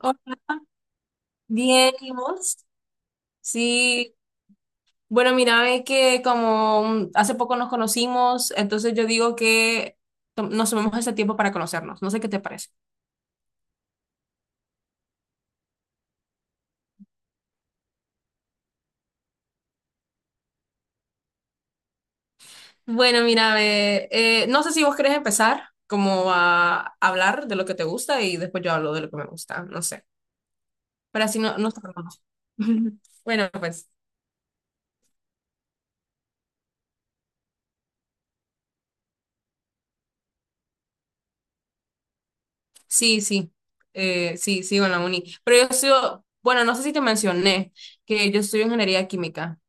Hola, bien, ¿y vos? Sí, bueno, mira, ve que como hace poco nos conocimos, entonces yo digo que nos tomemos este tiempo para conocernos, no sé qué te parece. Bueno, mira, ve, no sé si vos querés empezar como a hablar de lo que te gusta y después yo hablo de lo que me gusta, no sé, para así no, nos estarnos. Bueno, pues sí, sí, sí, sigo en la uni, pero yo sigo, bueno, no sé si te mencioné que yo estudio ingeniería química.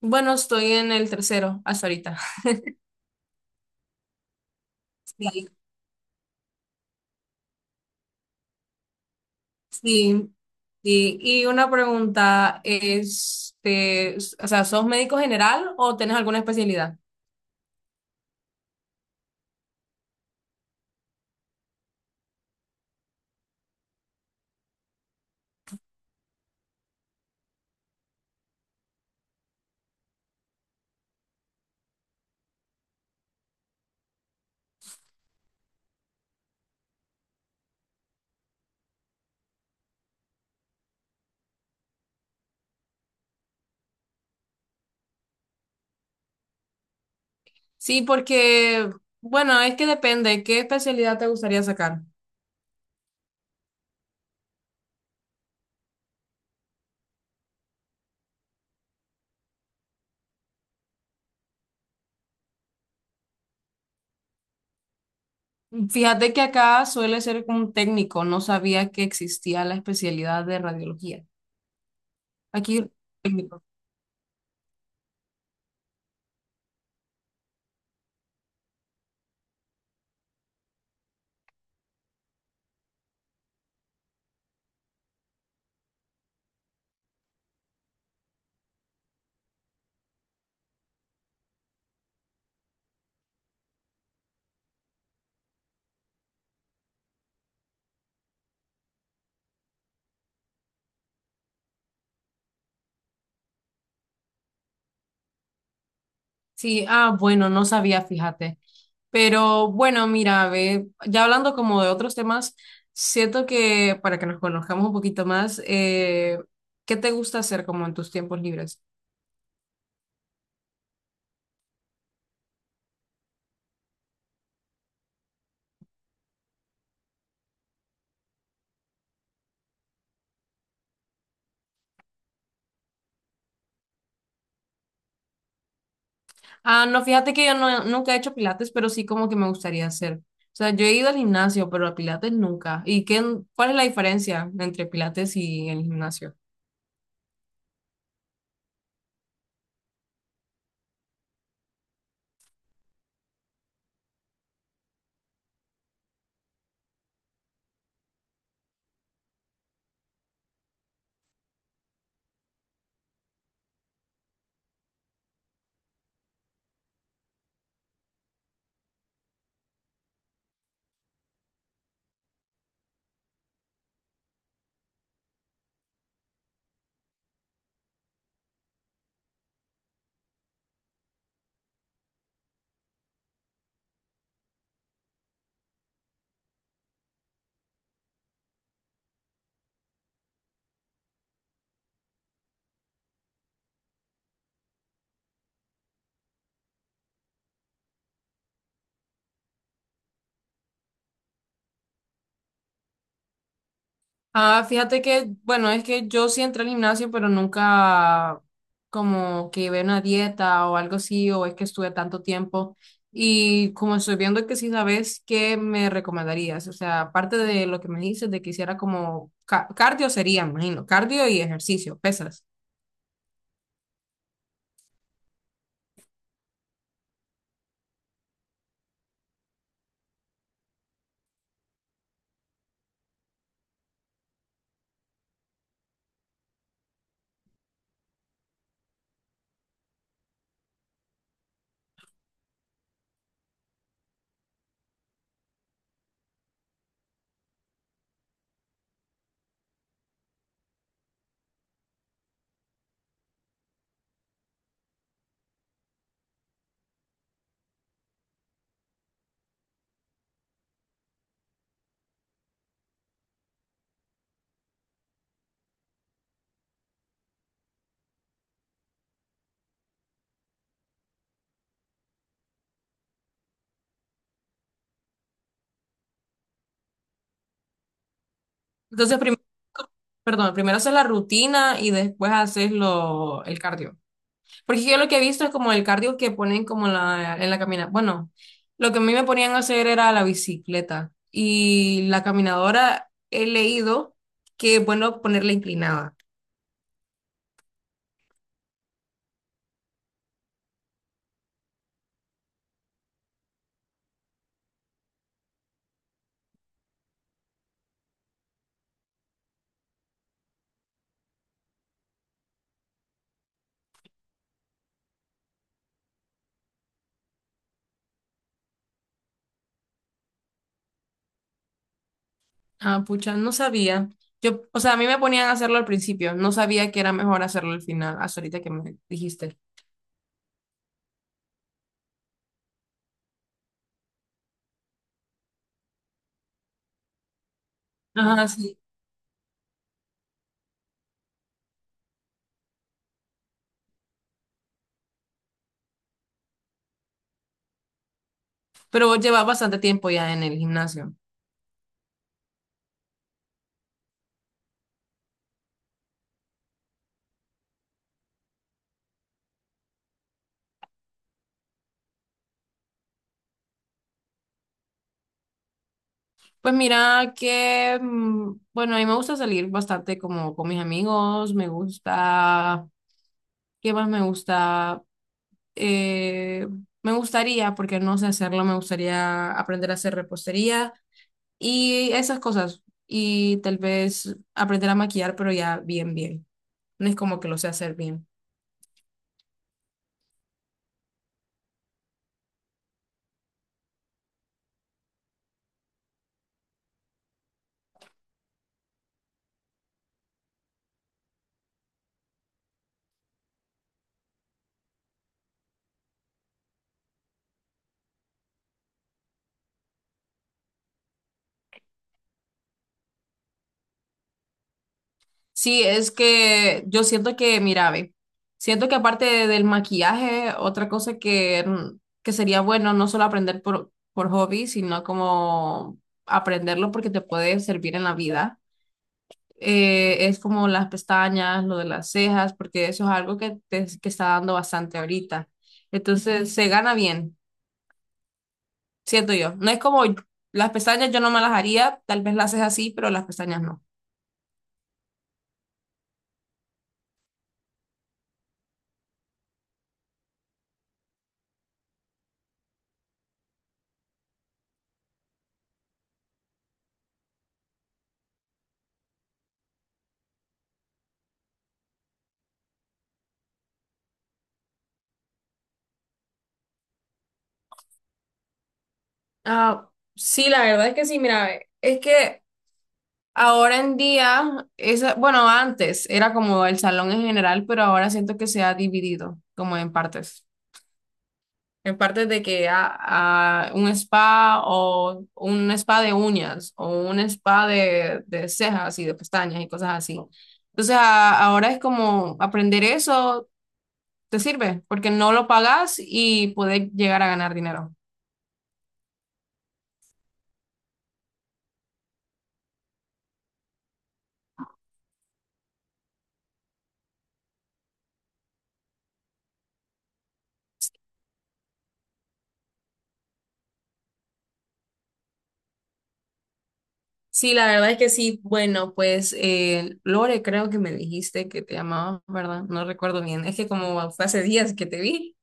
Bueno, estoy en el tercero hasta ahorita. Sí. Sí, sí. Y una pregunta, este, o sea, ¿sos médico general o tenés alguna especialidad? Sí, porque, bueno, es que depende, ¿qué especialidad te gustaría sacar? Fíjate que acá suele ser como un técnico, no sabía que existía la especialidad de radiología. Aquí, técnico. Sí, ah, bueno, no sabía, fíjate. Pero bueno, mira, ve, ya hablando como de otros temas, siento que para que nos conozcamos un poquito más, ¿qué te gusta hacer como en tus tiempos libres? Ah, no, fíjate que yo no, nunca he hecho pilates, pero sí como que me gustaría hacer. O sea, yo he ido al gimnasio, pero a pilates nunca. ¿Y qué, cuál es la diferencia entre pilates y el gimnasio? Ah, fíjate que, bueno, es que yo sí entré al gimnasio, pero nunca como que ve una dieta o algo así, o es que estuve tanto tiempo. Y como estoy viendo que sí sabes, ¿qué me recomendarías? O sea, aparte de lo que me dices, de que hiciera como cardio sería, me imagino, cardio y ejercicio, pesas. Entonces, primero, perdón, primero haces la rutina y después haces lo, el cardio. Porque yo lo que he visto es como el cardio que ponen como la, en la caminata. Bueno, lo que a mí me ponían a hacer era la bicicleta y la caminadora he leído que es bueno ponerla inclinada. Ah, pucha, no sabía. Yo, o sea, a mí me ponían a hacerlo al principio, no sabía que era mejor hacerlo al final, hasta ahorita que me dijiste. Ajá, sí. Pero vos llevas bastante tiempo ya en el gimnasio. Pues mira que, bueno, a mí me gusta salir bastante como con mis amigos, me gusta... ¿Qué más me gusta? eh, Me gustaría, porque no sé hacerlo, me gustaría aprender a hacer repostería y esas cosas. Y tal vez aprender a maquillar, pero ya bien, bien. No es como que lo sé hacer bien. Sí, es que yo siento que, mira, ve, siento que del maquillaje, otra cosa que, que sería bueno no solo aprender por hobby, sino como aprenderlo porque te puede servir en la vida es como las pestañas, lo de las cejas, porque eso es algo que, que está dando bastante ahorita. Entonces se gana bien, siento yo. No es como las pestañas, yo no me las haría, tal vez las cejas sí, pero las pestañas no. Ah, sí, la verdad es que sí, mira, es que ahora en día, esa, bueno, antes era como el salón en general, pero ahora siento que se ha dividido como en partes. En parte de que a un spa o un spa de uñas o un spa de cejas y de pestañas y cosas así. Entonces ahora es como aprender eso te sirve porque no lo pagas y puedes llegar a ganar dinero. Sí, la verdad es que sí. Bueno, pues Lore, creo que me dijiste que te llamabas, ¿verdad? No recuerdo bien. Es que como fue hace días que te vi.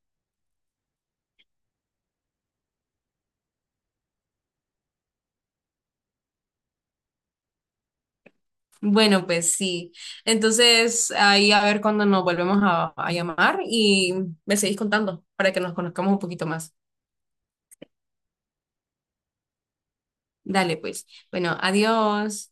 Bueno, pues sí. Entonces, ahí a ver cuándo nos volvemos a llamar y me seguís contando para que nos conozcamos un poquito más. Dale, pues. Bueno, adiós.